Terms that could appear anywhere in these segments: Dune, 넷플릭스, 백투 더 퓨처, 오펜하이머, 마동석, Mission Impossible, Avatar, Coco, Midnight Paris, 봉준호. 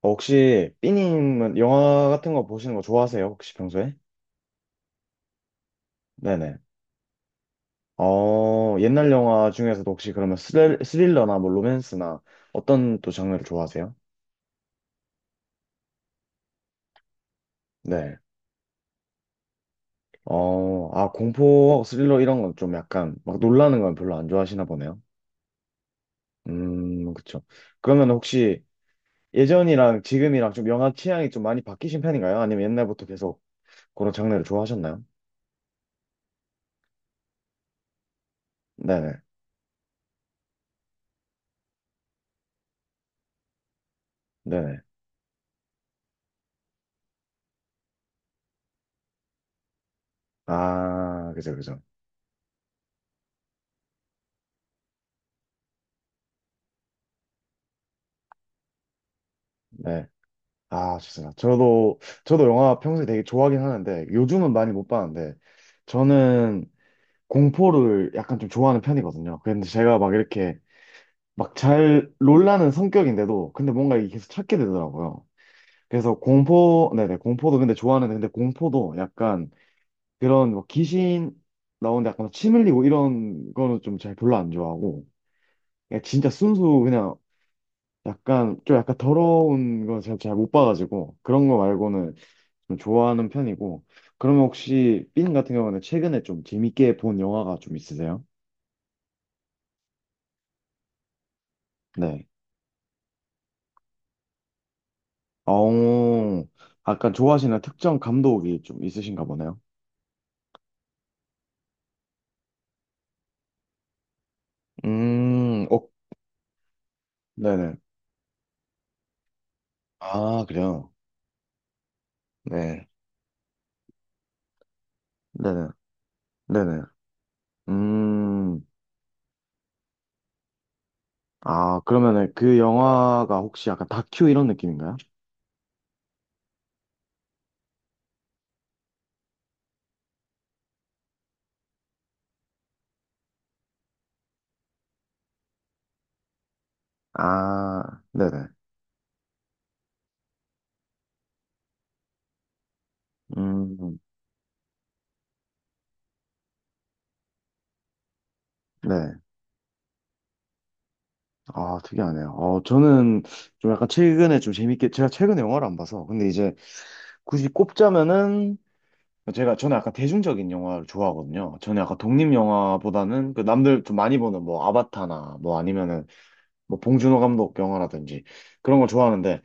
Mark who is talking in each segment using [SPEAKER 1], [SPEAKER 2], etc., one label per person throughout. [SPEAKER 1] 어, 혹시 삐님은 영화 같은 거 보시는 거 좋아하세요? 혹시 평소에? 네네. 어, 옛날 영화 중에서도 혹시 그러면 스릴러나 뭐 로맨스나 어떤 또 장르를 좋아하세요? 네. 어, 아, 공포, 스릴러 이런 건 좀 약간 막 놀라는 건 별로 안 좋아하시나 보네요. 그쵸. 그러면 혹시 예전이랑 지금이랑 좀 영화 취향이 좀 많이 바뀌신 편인가요? 아니면 옛날부터 계속 그런 장르를 좋아하셨나요? 네네. 네네. 아, 그죠, 그죠. 네. 아, 좋습니다. 저도 영화 평소에 되게 좋아하긴 하는데, 요즘은 많이 못 봤는데, 저는 공포를 약간 좀 좋아하는 편이거든요. 근데 제가 막 이렇게 막 잘 놀라는 성격인데도, 근데 뭔가 이게 계속 찾게 되더라고요. 그래서 공포, 네네, 공포도 근데 좋아하는데, 근데 공포도 약간 그런 뭐 귀신 나오는데 약간 침 흘리고 이런 거는 좀 잘 별로 안 좋아하고, 그냥 진짜 순수 그냥 약간 좀 약간 더러운 거 제가 잘 못 봐가지고, 그런 거 말고는 좀 좋아하는 편이고. 그러면 혹시 삔 같은 경우는 최근에 좀 재밌게 본 영화가 좀 있으세요? 네. 어, 약간 좋아하시는 특정 감독이 좀 있으신가 보네요. 어, 네네. 아, 그래요. 네. 네네. 네네. 음, 아, 그러면은 그 영화가 혹시 약간 다큐 이런 느낌인가요? 아, 네네. 음, 네. 아, 특이하네요. 어, 저는 좀 약간 최근에 좀 재밌게, 제가 최근에 영화를 안 봐서, 근데 이제 굳이 꼽자면은 제가 저는 약간 대중적인 영화를 좋아하거든요. 저는 약간 독립 영화보다는 그 남들 좀 많이 보는 뭐 아바타나 뭐 아니면은 뭐 봉준호 감독 영화라든지 그런 걸 좋아하는데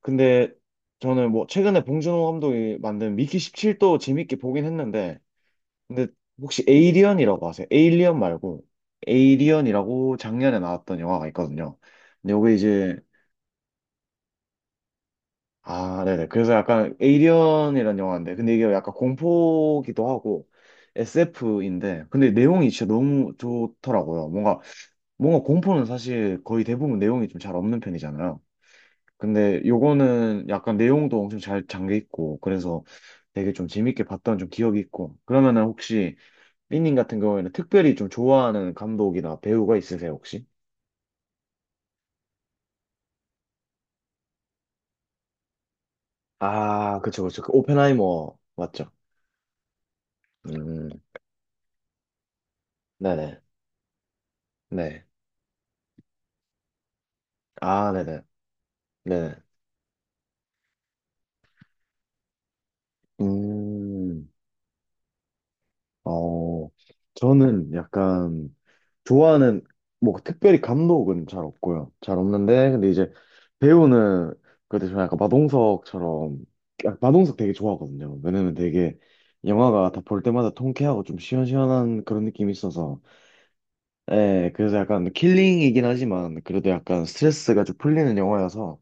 [SPEAKER 1] 근데 저는 뭐 최근에 봉준호 감독이 만든 미키 17도 재밌게 보긴 했는데 근데 혹시 에이리언이라고 아세요? 에일리언 말고 에이리언이라고 작년에 나왔던 영화가 있거든요. 근데 요게 이제 아, 네네. 그래서 약간 에이리언이라는 영화인데, 근데 이게 약간 공포기도 하고 SF인데, 근데 내용이 진짜 너무 좋더라고요. 뭔가 공포는 사실 거의 대부분 내용이 좀 잘 없는 편이잖아요. 근데 요거는 약간 내용도 엄청 잘 잠겨 있고, 그래서 되게 좀 재밌게 봤던 좀 기억이 있고. 그러면은 혹시 삐님 같은 경우에는 특별히 좀 좋아하는 감독이나 배우가 있으세요, 혹시? 아, 그쵸, 그쵸. 그 오펜하이머 맞죠? 음, 네네. 네. 아, 네네. 네. 음, 어, 저는 약간 좋아하는, 뭐, 특별히 감독은 잘 없고요. 잘 없는데, 근데 이제 배우는, 그래도 저는 약간 마동석처럼, 마동석 되게 좋아하거든요. 왜냐면 되게 영화가 다 볼 때마다 통쾌하고 좀 시원시원한 그런 느낌이 있어서, 예, 그래서 약간 킬링이긴 하지만, 그래도 약간 스트레스가 좀 풀리는 영화여서,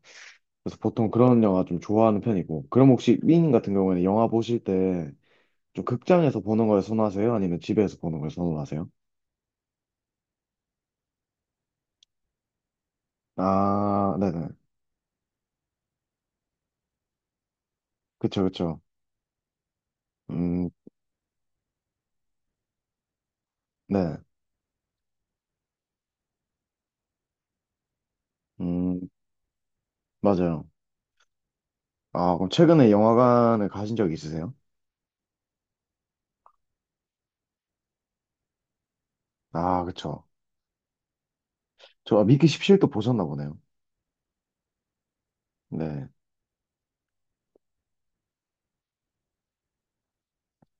[SPEAKER 1] 그래서 보통 그런 영화 좀 좋아하는 편이고, 그럼 혹시 윙 같은 경우에는 영화 보실 때, 좀 극장에서 보는 걸 선호하세요? 아니면 집에서 보는 걸 선호하세요? 아, 네네. 그쵸, 그쵸. 음, 네. 음, 맞아요. 아, 그럼 최근에 영화관을 가신 적 있으세요? 아, 그쵸. 저 아, 미키 17도 보셨나 보네요. 네.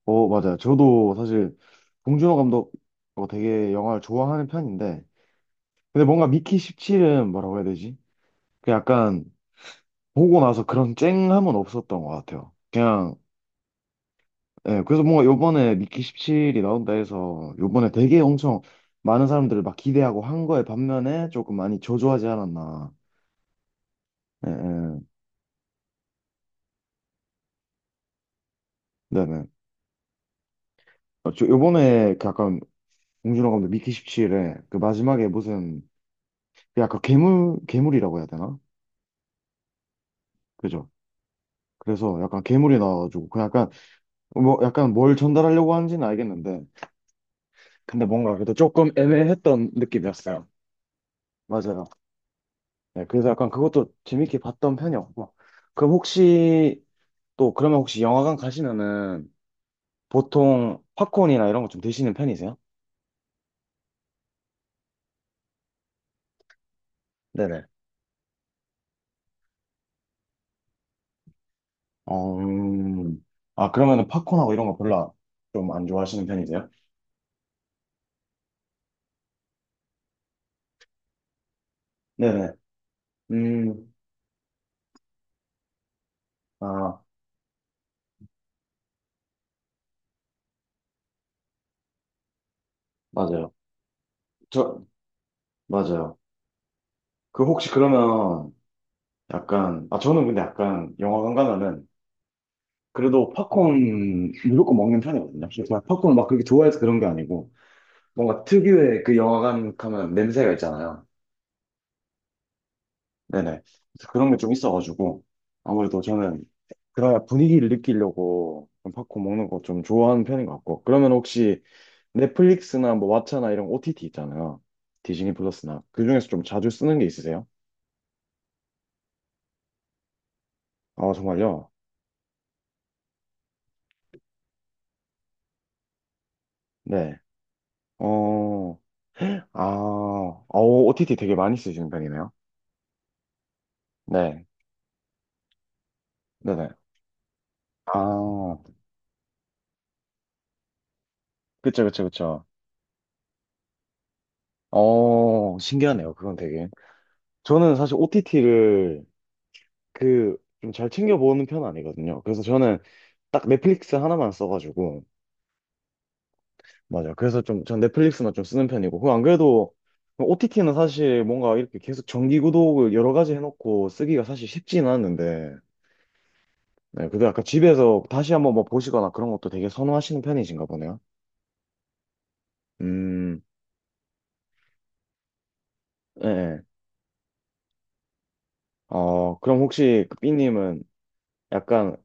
[SPEAKER 1] 어, 맞아요. 저도 사실 봉준호 감독 어, 되게 영화를 좋아하는 편인데, 근데 뭔가 미키 17은 뭐라고 해야 되지? 그 약간 보고 나서 그런 쨍함은 없었던 것 같아요. 그냥 예, 그래서 뭔가 요번에 미키 17이 나온다 해서 요번에 되게 엄청 많은 사람들을 막 기대하고 한 거에 반면에 조금 많이 저조하지 않았나. 예, 예. 네네. 어, 저 요번에 그 약간 봉준호 감독 미키 17에 그 마지막에 무슨 그 약간 괴물이라고 해야 되나? 그죠? 그래서 약간 괴물이 나와가지고 그 약간 뭐 약간 뭘 전달하려고 하는지는 알겠는데 근데 뭔가 그래도 조금 애매했던 느낌이었어요. 맞아요. 네, 그래서 약간 그것도 재밌게 봤던 편이었고 그럼 혹시 또 그러면 혹시 영화관 가시면은 보통 팝콘이나 이런 거 좀 드시는 편이세요? 네네. 어, 아, 그러면은 팝콘하고 이런 거 별로 좀 안 좋아하시는 편이세요? 네네. 음, 아, 맞아요. 저, 맞아요. 그 혹시 그러면 약간, 아, 저는 근데 약간 영화관 가면은 그래도 팝콘 무조건 먹는 편이거든요. 막 팝콘을 막 그렇게 좋아해서 그런 게 아니고 뭔가 특유의 그 영화관 가면 냄새가 있잖아요. 네네. 그런 게 좀 있어가지고, 아무래도 저는 그래야 분위기를 느끼려고 좀 팝콘 먹는 거 좀 좋아하는 편인 것 같고. 그러면 혹시 넷플릭스나 뭐 왓챠나 이런 OTT 있잖아요. 디즈니 플러스나. 그 중에서 좀 자주 쓰는 게 있으세요? 아, 정말요? 네. 어, 아, 어, OTT 되게 많이 쓰시는 편이네요. 네. 네네. 아, 그쵸. 어, 신기하네요. 그건 되게. 저는 사실 OTT를 그 좀 잘 챙겨보는 편 아니거든요. 그래서 저는 딱 넷플릭스 하나만 써가지고 맞아요. 그래서 좀 전 넷플릭스만 좀 쓰는 편이고 그 안 그래도 OTT는 사실 뭔가 이렇게 계속 정기 구독을 여러 가지 해놓고 쓰기가 사실 쉽지는 않은데 네, 그래도 약간 집에서 다시 한번 뭐 보시거나 그런 것도 되게 선호하시는 편이신가 보네요. 음, 예. 예. 어, 그럼 혹시 그 삐님은 약간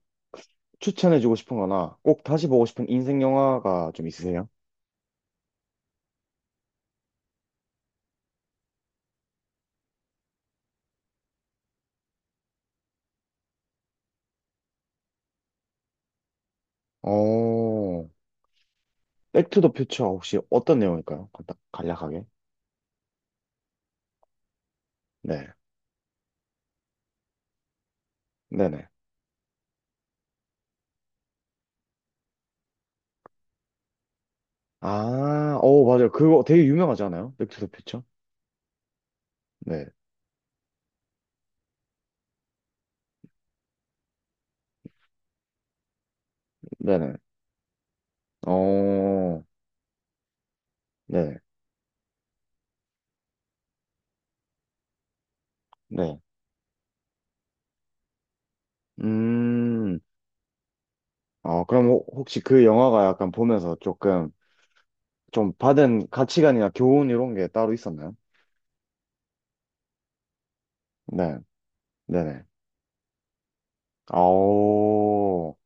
[SPEAKER 1] 추천해주고 싶은 거나 꼭 다시 보고 싶은 인생 영화가 좀 있으세요? 어, 백투 더 퓨처 혹시 어떤 내용일까요? 간략하게. 네. 네네. 아, 오 맞아요. 그거 되게 유명하지 않아요? 백투 더 퓨처? 네. 네네. 어, 네. 네. 음, 어, 그럼 혹시 그 영화가 약간 보면서 조금 좀 받은 가치관이나 교훈 이런 게 따로 있었나요? 네. 네네. 아오.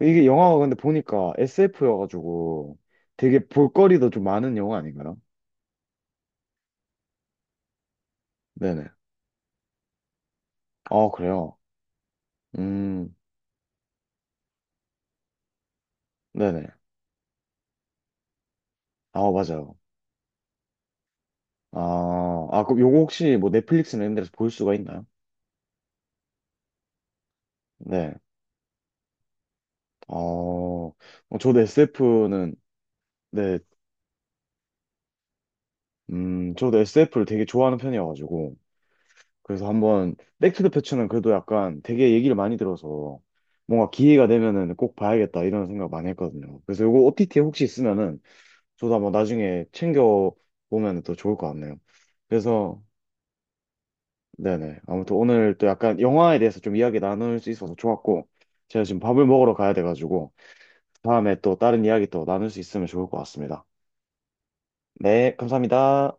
[SPEAKER 1] 이게 영화가 근데 보니까 SF여가지고 되게 볼거리도 좀 많은 영화 아닌가요? 네네. 아, 그래요. 음. 네네. 아, 맞아요. 아, 아, 그럼 요거 혹시 뭐 넷플릭스나 이런 데서 볼 수가 있나요? 네. 어, 어, 저도 SF는, 네, 저도 SF를 되게 좋아하는 편이어가지고, 그래서 한번, 백투 더 퓨처는 그래도 약간 되게 얘기를 많이 들어서, 뭔가 기회가 되면은 꼭 봐야겠다, 이런 생각 많이 했거든요. 그래서 요거 OTT에 혹시 있으면은, 저도 한번 나중에 챙겨보면 또 좋을 것 같네요. 그래서, 네네. 아무튼 오늘 또 약간 영화에 대해서 좀 이야기 나눌 수 있어서 좋았고, 제가 지금 밥을 먹으러 가야 돼가지고, 다음에 또 다른 이야기 또 나눌 수 있으면 좋을 것 같습니다. 네, 감사합니다.